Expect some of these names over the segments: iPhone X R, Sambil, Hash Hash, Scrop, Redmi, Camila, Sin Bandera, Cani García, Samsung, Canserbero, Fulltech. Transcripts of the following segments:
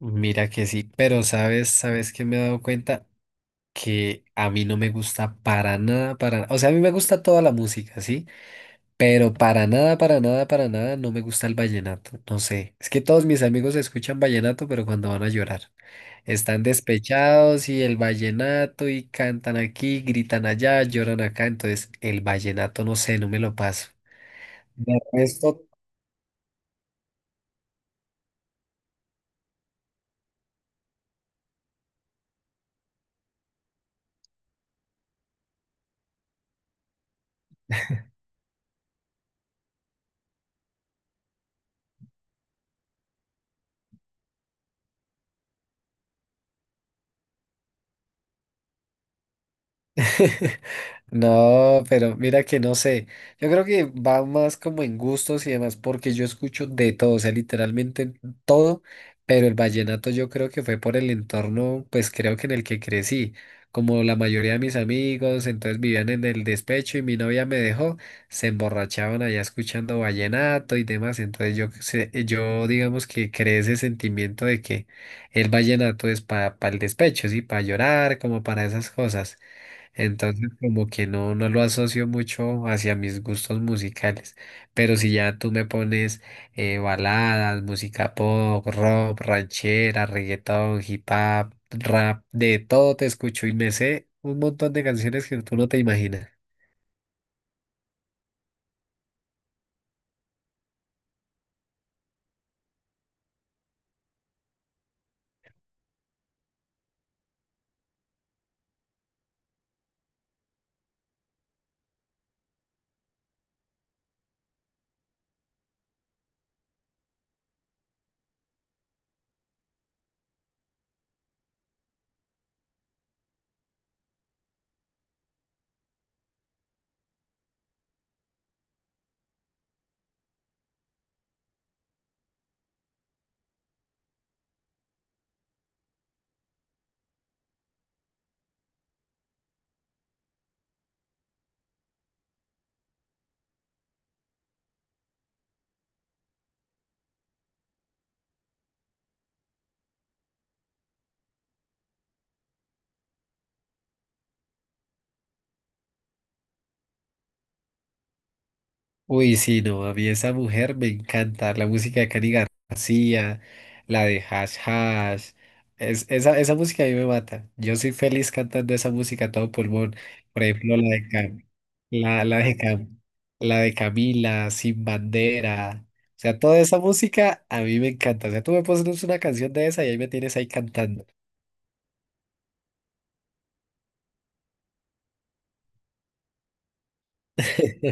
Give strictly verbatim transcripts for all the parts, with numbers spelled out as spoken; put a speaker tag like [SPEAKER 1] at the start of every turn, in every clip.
[SPEAKER 1] Mira que sí, pero sabes, sabes que me he dado cuenta que a mí no me gusta para nada, para nada. O sea, a mí me gusta toda la música, ¿sí? Pero para nada, para nada, para nada no me gusta el vallenato. No sé. Es que todos mis amigos escuchan vallenato, pero cuando van a llorar. Están despechados y el vallenato y cantan aquí, gritan allá, lloran acá. Entonces, el vallenato, no sé, no me lo paso. De resto, no, pero mira que no sé. Yo creo que va más como en gustos y demás, porque yo escucho de todo, o sea, literalmente todo, pero el vallenato yo creo que fue por el entorno, pues creo que en el que crecí. Como la mayoría de mis amigos, entonces vivían en el despecho y mi novia me dejó, se emborrachaban allá escuchando vallenato y demás. Entonces yo, sé- yo digamos que creé ese sentimiento de que el vallenato es para el despecho, sí, para llorar, como para esas cosas. Entonces, como que no, no lo asocio mucho hacia mis gustos musicales. Pero si ya tú me pones eh, baladas, música pop, rock, ranchera, reggaetón, hip hop, rap, de todo te escucho y me sé un montón de canciones que tú no te imaginas. Uy, sí, no, a mí esa mujer me encanta. La música de Cani García, la de Hash Hash. Es, esa, esa música a mí me mata. Yo soy feliz cantando esa música a todo pulmón. Por ejemplo, la de Cam, la, la de Cam- la de Camila, Sin Bandera. O sea, toda esa música a mí me encanta. O sea, tú me pones una canción de esa y ahí me tienes ahí cantando.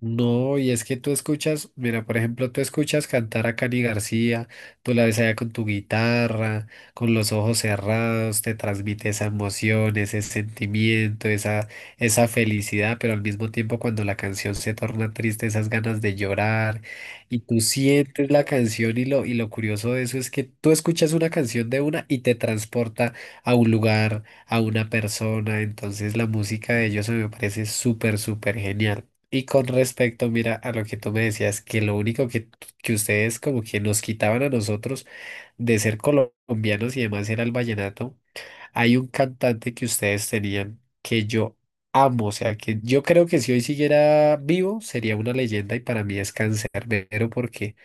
[SPEAKER 1] No, y es que tú escuchas, mira, por ejemplo, tú escuchas cantar a Cani García, tú la ves allá con tu guitarra, con los ojos cerrados, te transmite esa emoción, ese sentimiento, esa, esa felicidad, pero al mismo tiempo cuando la canción se torna triste, esas ganas de llorar, y tú sientes la canción y lo, y lo curioso de eso es que tú escuchas una canción de una y te transporta a un lugar, a una persona, entonces la música de ellos me parece súper, súper genial. Y con respecto, mira, a lo que tú me decías, que lo único que, que ustedes como que nos quitaban a nosotros de ser colombianos y demás era el vallenato, hay un cantante que ustedes tenían que yo amo, o sea, que yo creo que si hoy siguiera vivo sería una leyenda y para mí es Canserbero porque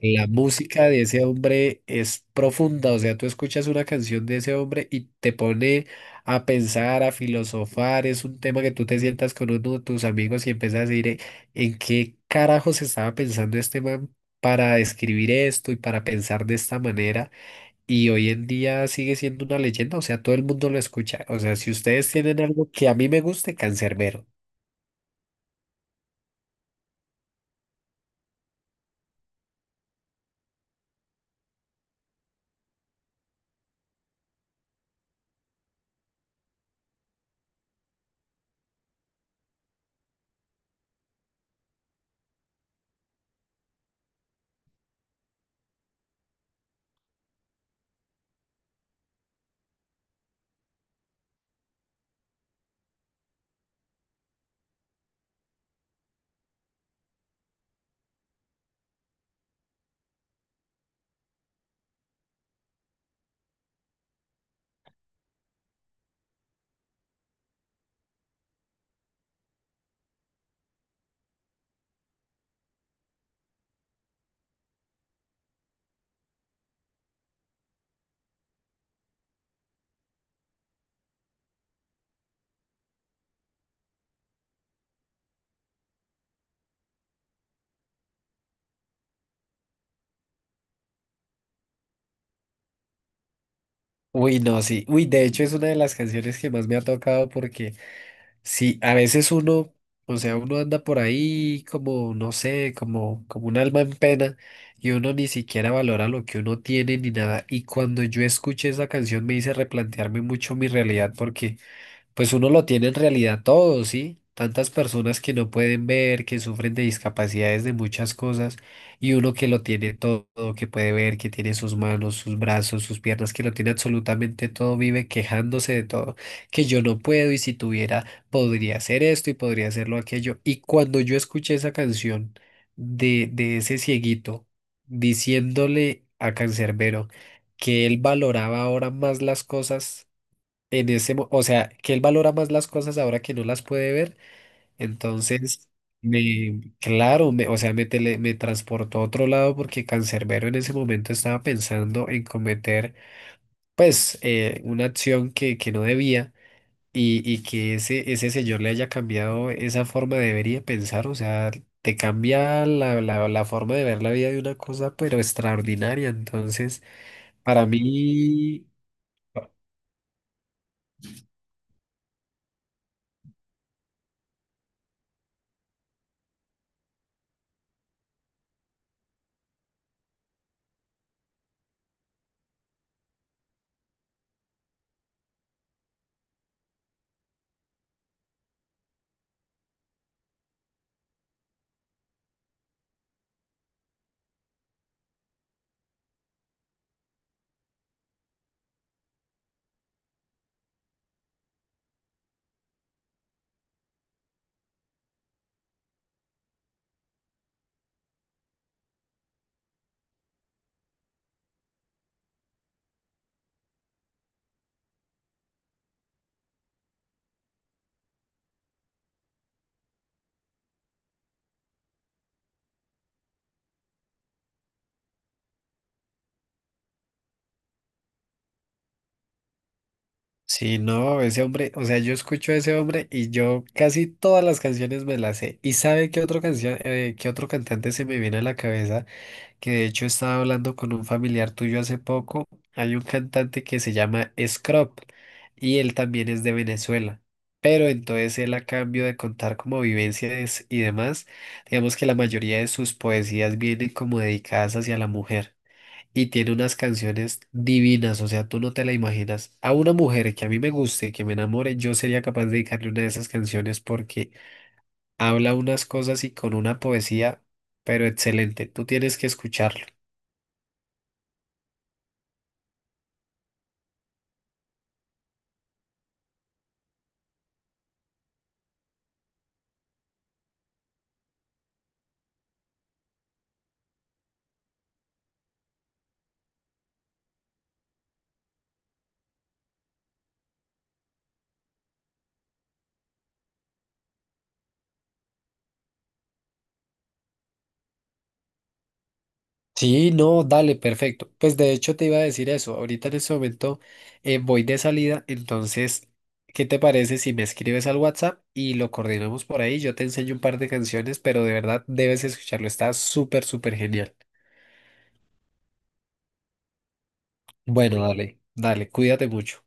[SPEAKER 1] la música de ese hombre es profunda, o sea, tú escuchas una canción de ese hombre y te pone a pensar, a filosofar, es un tema que tú te sientas con uno de tus amigos y empiezas a decir, "Eh, ¿en qué carajos estaba pensando este man para escribir esto y para pensar de esta manera?" Y hoy en día sigue siendo una leyenda, o sea, todo el mundo lo escucha, o sea, si ustedes tienen algo que a mí me guste, Canserbero. Uy, no, sí, uy, de hecho es una de las canciones que más me ha tocado porque... Sí, a veces uno, o sea, uno anda por ahí como, no sé, como, como un alma en pena y uno ni siquiera valora lo que uno tiene ni nada. Y cuando yo escuché esa canción me hice replantearme mucho mi realidad porque pues uno lo tiene en realidad todo, ¿sí? Tantas personas que no pueden ver, que sufren de discapacidades de muchas cosas, y uno que lo tiene todo, que puede ver, que tiene sus manos, sus brazos, sus piernas, que lo tiene absolutamente todo, vive quejándose de todo, que yo no puedo y si tuviera, podría hacer esto y podría hacerlo aquello. Y cuando yo escuché esa canción de, de ese cieguito diciéndole a Cancerbero que él valoraba ahora más las cosas, en ese, mo- o sea, que él valora más las cosas ahora que no las puede ver, entonces, me, claro, me, o sea, me, tele- me transportó a otro lado porque Cancerbero en ese momento estaba pensando en cometer, pues, eh, una acción que, que no debía y, y que ese, ese señor le haya cambiado esa forma de ver y de pensar, o sea, te cambia la, la, la forma de ver la vida de una cosa, pero extraordinaria, entonces, para mí... Sí, no, ese hombre, o sea, yo escucho a ese hombre y yo casi todas las canciones me las sé. ¿Y sabe qué otro canción, eh, qué otro cantante se me viene a la cabeza? Que de hecho estaba hablando con un familiar tuyo hace poco. Hay un cantante que se llama Scrop y él también es de Venezuela. Pero entonces él a cambio de contar como vivencias y demás, digamos que la mayoría de sus poesías vienen como dedicadas hacia la mujer y tiene unas canciones divinas, o sea, tú no te la imaginas. A una mujer que a mí me guste, que me enamore, yo sería capaz de dedicarle una de esas canciones porque habla unas cosas y con una poesía, pero excelente. Tú tienes que escucharlo. Sí, no, dale, perfecto. Pues de hecho te iba a decir eso. Ahorita en este momento eh, voy de salida, entonces, ¿qué te parece si me escribes al WhatsApp y lo coordinamos por ahí? Yo te enseño un par de canciones, pero de verdad debes escucharlo. Está súper, súper genial. Bueno, dale, dale, cuídate mucho.